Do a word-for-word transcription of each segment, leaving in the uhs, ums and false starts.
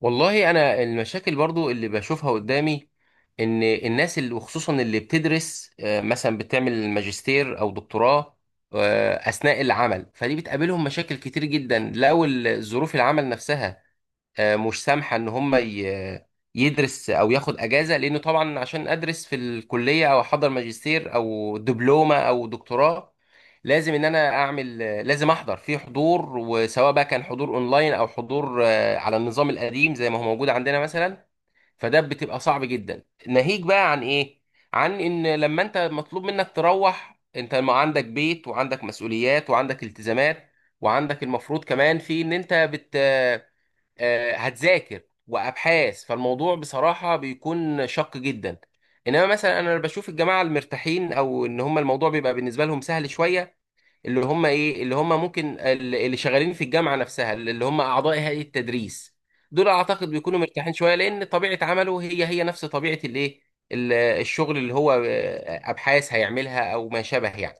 والله، انا المشاكل برضو اللي بشوفها قدامي، ان الناس اللي وخصوصا اللي بتدرس، آه، مثلا بتعمل ماجستير او دكتوراه آه، اثناء العمل، فدي بتقابلهم مشاكل كتير جدا. لو ال- ظروف العمل نفسها آه، مش سامحه ان هم ي- يدرس او ياخد اجازه، لانه طبعا عشان ادرس في الكليه او احضر ماجستير او دبلومه او دكتوراه لازم ان انا اعمل، لازم احضر في حضور، وسواء بقى كان حضور اونلاين او حضور آه، على النظام القديم زي ما هو موجود عندنا مثلا، فده بتبقى صعب جدا. ناهيك بقى عن ايه، عن ان لما انت مطلوب منك تروح، انت ما عندك بيت وعندك مسؤوليات وعندك التزامات، وعندك المفروض كمان في ان انت بت آه، هتذاكر وابحاث، فالموضوع بصراحه بيكون شق جدا. انما مثلا انا بشوف الجماعه المرتاحين، او ان هم الموضوع بيبقى بالنسبه لهم سهل شويه، اللي هم ايه، اللي هم ممكن ال- اللي شغالين في الجامعه نفسها، اللي هم اعضاء هيئه التدريس، دول اعتقد بيكونوا مرتاحين شويه، لان طبيعه عمله هي هي نفس طبيعه الايه، ال- الشغل اللي هو آه، ابحاث هيعملها او ما شابه يعني.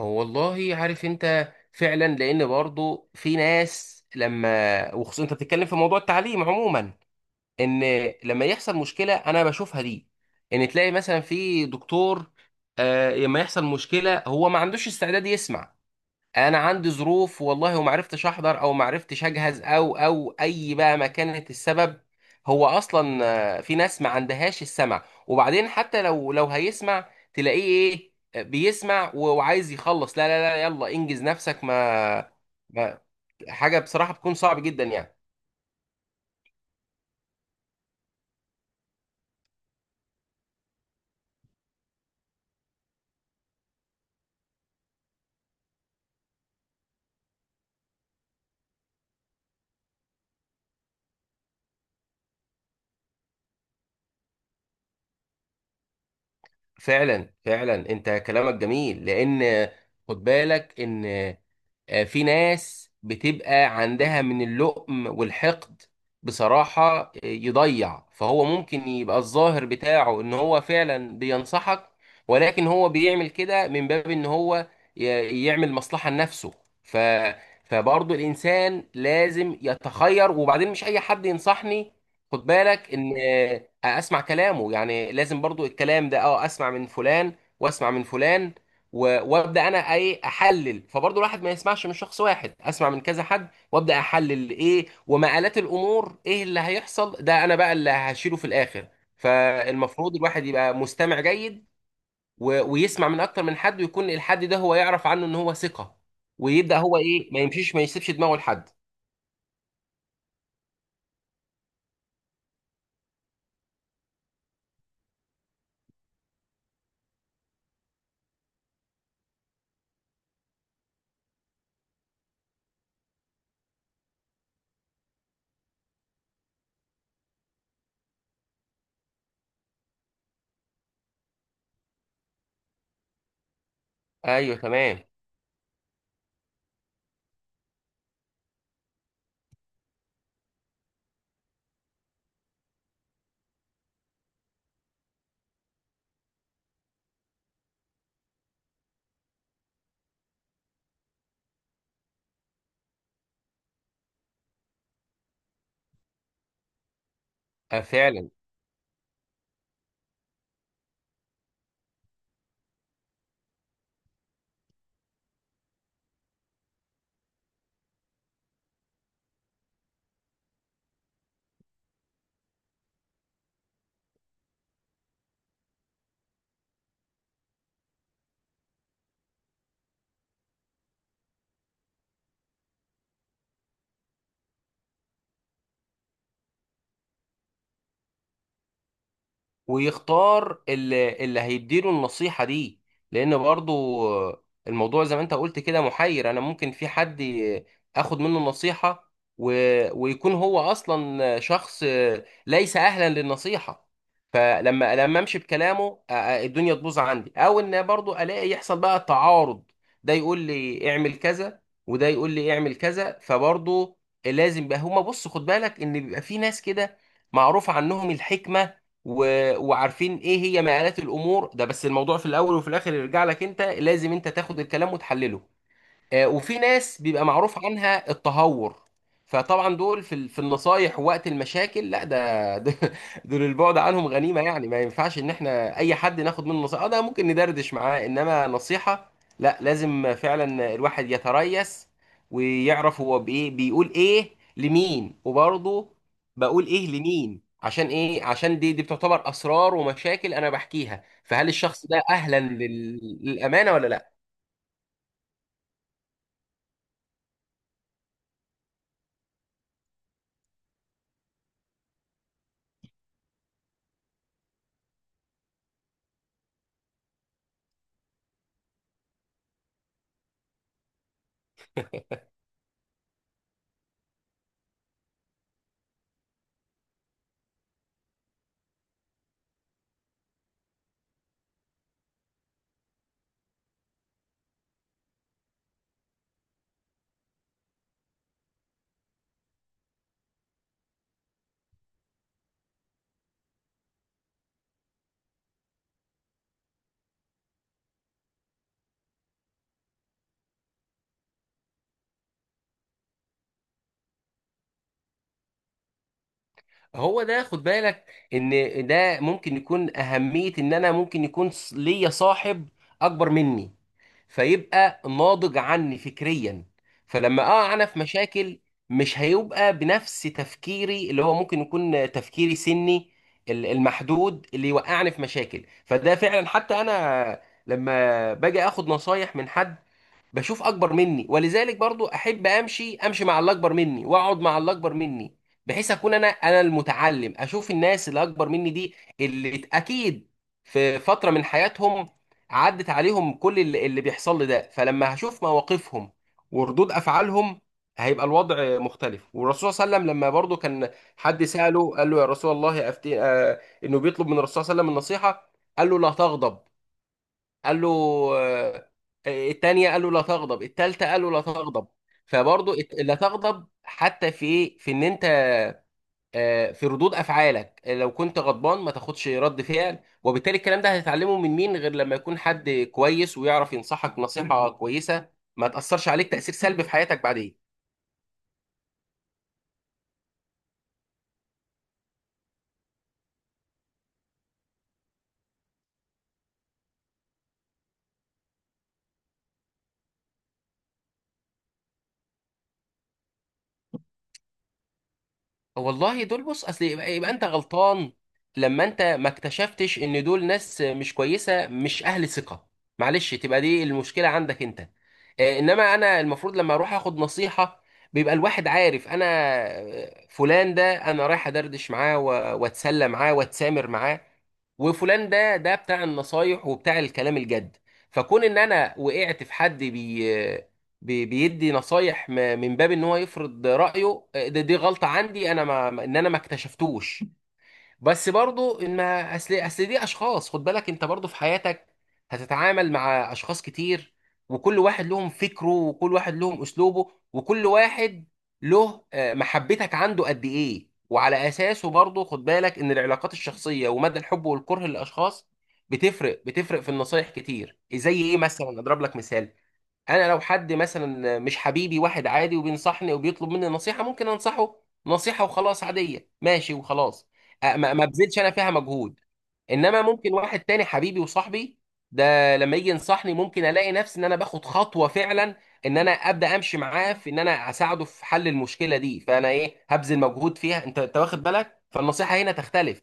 هو والله عارف انت فعلا، لان برضو في ناس لما، وخصوصا انت بتتكلم في موضوع التعليم عموما، ان لما يحصل مشكله انا بشوفها دي، ان تلاقي مثلا في دكتور آه لما يحصل مشكله هو ما عندوش استعداد يسمع. انا عندي ظروف والله، وما عرفتش احضر او ما عرفتش اجهز، او او اي بقى ما كانت السبب، هو اصلا آه، في ناس ما عندهاش السمع. وبعدين حتى لو لو هيسمع، تلاقيه ايه، آه، بيسمع و- وعايز يخلص، لا لا لا يلا انجز نفسك، ما, ما حاجة بصراحة بتكون صعب جدا يعني. فعلا فعلا انت كلامك جميل، لان خد بالك ان آه، في ناس بتبقى عندها من اللؤم والحقد بصراحة آه، يضيع، فهو ممكن يبقى الظاهر بتاعه ان هو فعلا بينصحك، ولكن هو بيعمل كده من باب ان هو ي- يعمل مصلحة لنفسه. ف فبرضه الانسان لازم يتخير، وبعدين مش اي حد ينصحني. خد بالك ان آه، اسمع كلامه يعني لازم برضه، الكلام ده اه اسمع من فلان واسمع من فلان، و- وابدا انا ايه احلل. فبرضه الواحد ما يسمعش من شخص واحد، اسمع من كذا حد وابدا احلل ايه ومآلات الامور، ايه اللي هيحصل، ده انا بقى اللي هشيله في الاخر. فالمفروض الواحد يبقى مستمع جيد، و- ويسمع من اكتر من حد، ويكون الحد ده هو يعرف عنه ان هو ثقة، ويبدا هو ايه ما يمشيش، ما يسيبش دماغه لحد. ايوه تمام. آه، فعلا. ويختار اللي, اللي هيديله النصيحة دي، لأن برضو الموضوع زي ما أنت قلت كده محير. أنا ممكن في حد آخد منه النصيحة، و... ويكون هو أصلا شخص ليس أهلا للنصيحة، فلما لما أمشي بكلامه أ- أ- الدنيا تبوظ عندي، أو إن برضو ألاقي يحصل بقى تعارض، ده يقول لي اعمل كذا وده يقول لي اعمل كذا. فبرضو لازم بقى هما، بص خد بالك إن بيبقى في ناس كده معروف عنهم الحكمة، آه، وعارفين ايه هي مآلات الامور، ده بس الموضوع في الاول وفي الاخر يرجع لك انت، لازم انت تاخد الكلام وتحلله. آه، وفي ناس بيبقى معروف عنها التهور، فطبعا دول في ال- في النصايح وقت المشاكل لا ده ده- دول البعد عنهم غنيمة يعني، ما ينفعش ان احنا اي حد ناخد منه نصيحة. آه، ده ممكن ندردش معاه، انما نصيحة لا، لازم فعلا الواحد يتريث، ويعرف هو بايه، بيقول ايه لمين، وبرضه بقول ايه لمين عشان ايه، عشان دي دي بتعتبر اسرار ومشاكل انا بحكيها. فهل الشخص ده اهلا لل- للامانة ولا لا؟ هو ده خد بالك ان ده ممكن يكون اهمية، ان انا ممكن يكون ص- ليا صاحب اكبر مني، فيبقى ناضج عني فكريا، فلما اقع انا في مشاكل مش هيبقى بنفس تفكيري، اللي هو ممكن يكون تفكيري سني ال- المحدود اللي يوقعني في مشاكل. فده فعلا حتى انا لما باجي اخد نصايح من حد بشوف اكبر مني، ولذلك برضو احب امشي امشي مع اللي اكبر مني، واقعد مع اللي اكبر مني، بحيث اكون انا انا المتعلم، اشوف الناس اللي اكبر مني دي، اللي اكيد في فترة من حياتهم عدت عليهم كل اللي, اللي بيحصل لي ده. فلما هشوف مواقفهم وردود افعالهم هيبقى الوضع مختلف. والرسول صلى الله عليه وسلم لما برضو كان حد سأله، قال له يا رسول الله أفتي، آه انه بيطلب من الرسول صلى الله عليه وسلم النصيحة، قال له لا تغضب، قال له آه، التانية، قال له لا تغضب، التالتة قال له لا تغضب. فبرضه الت- لا تغضب حتى في ايه، في ان انت آه، في ردود افعالك، لو كنت غضبان ما تاخدش رد فعل، وبالتالي الكلام ده هتتعلمه من مين غير لما يكون حد كويس ويعرف ينصحك نصيحة كويسة، ما تأثرش عليك تأثير سلبي في حياتك بعدين. والله دول بص، اصل يبقى, يبقى انت غلطان لما انت ما اكتشفتش ان دول ناس مش كويسه، مش اهل ثقه. معلش تبقى دي المشكله عندك انت. آه، انما انا المفروض لما اروح اخد نصيحه بيبقى الواحد عارف انا آه، فلان ده انا رايح ادردش معاه و- واتسلى معاه واتسامر معاه، وفلان ده ده بتاع النصايح وبتاع الكلام الجد. فكون ان انا وقعت في حد بي بي- بيدي نصايح م- من باب ان هو يفرض رايه، آه، ده دي غلطه عندي انا، ما ما- ان انا ما اكتشفتوش. بس برضو ان ما، اصل اصل دي اشخاص، خد بالك انت برضو في حياتك هتتعامل مع اشخاص كتير، وكل واحد لهم فكره، وكل واحد لهم اسلوبه، وكل واحد له آه، محبتك عنده قد ايه، وعلى اساسه برضو خد بالك ان العلاقات الشخصيه ومدى الحب والكره للاشخاص بتفرق، بتفرق في النصايح كتير. زي ايه مثلا، اضرب لك مثال: انا لو حد مثلا مش حبيبي، واحد عادي وبينصحني وبيطلب مني نصيحه، ممكن انصحه نصيحه وخلاص، عاديه ماشي وخلاص، أ- ما ما بذلش انا فيها مجهود. انما ممكن واحد تاني حبيبي وصاحبي، ده لما يجي ينصحني ممكن الاقي نفسي ان انا باخد خطوه فعلا، ان انا ابدا امشي معاه في ان انا اساعده في حل المشكله دي، فانا ايه هبذل مجهود فيها، انت انت واخد بالك، فالنصيحه هنا تختلف.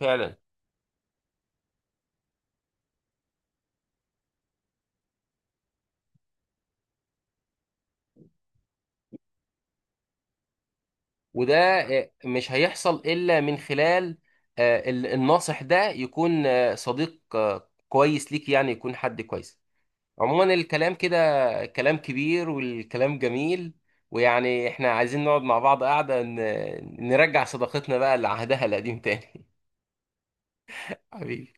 فعلا. وده آه، مش هيحصل إلا من خلال آه، ال- الناصح ده يكون آه، صديق آه، كويس ليك، يعني يكون حد كويس. عموما الكلام كده كلام كبير، والكلام جميل، ويعني احنا عايزين نقعد مع بعض قاعدة ن- نرجع صداقتنا بقى لعهدها القديم تاني. حبيبي.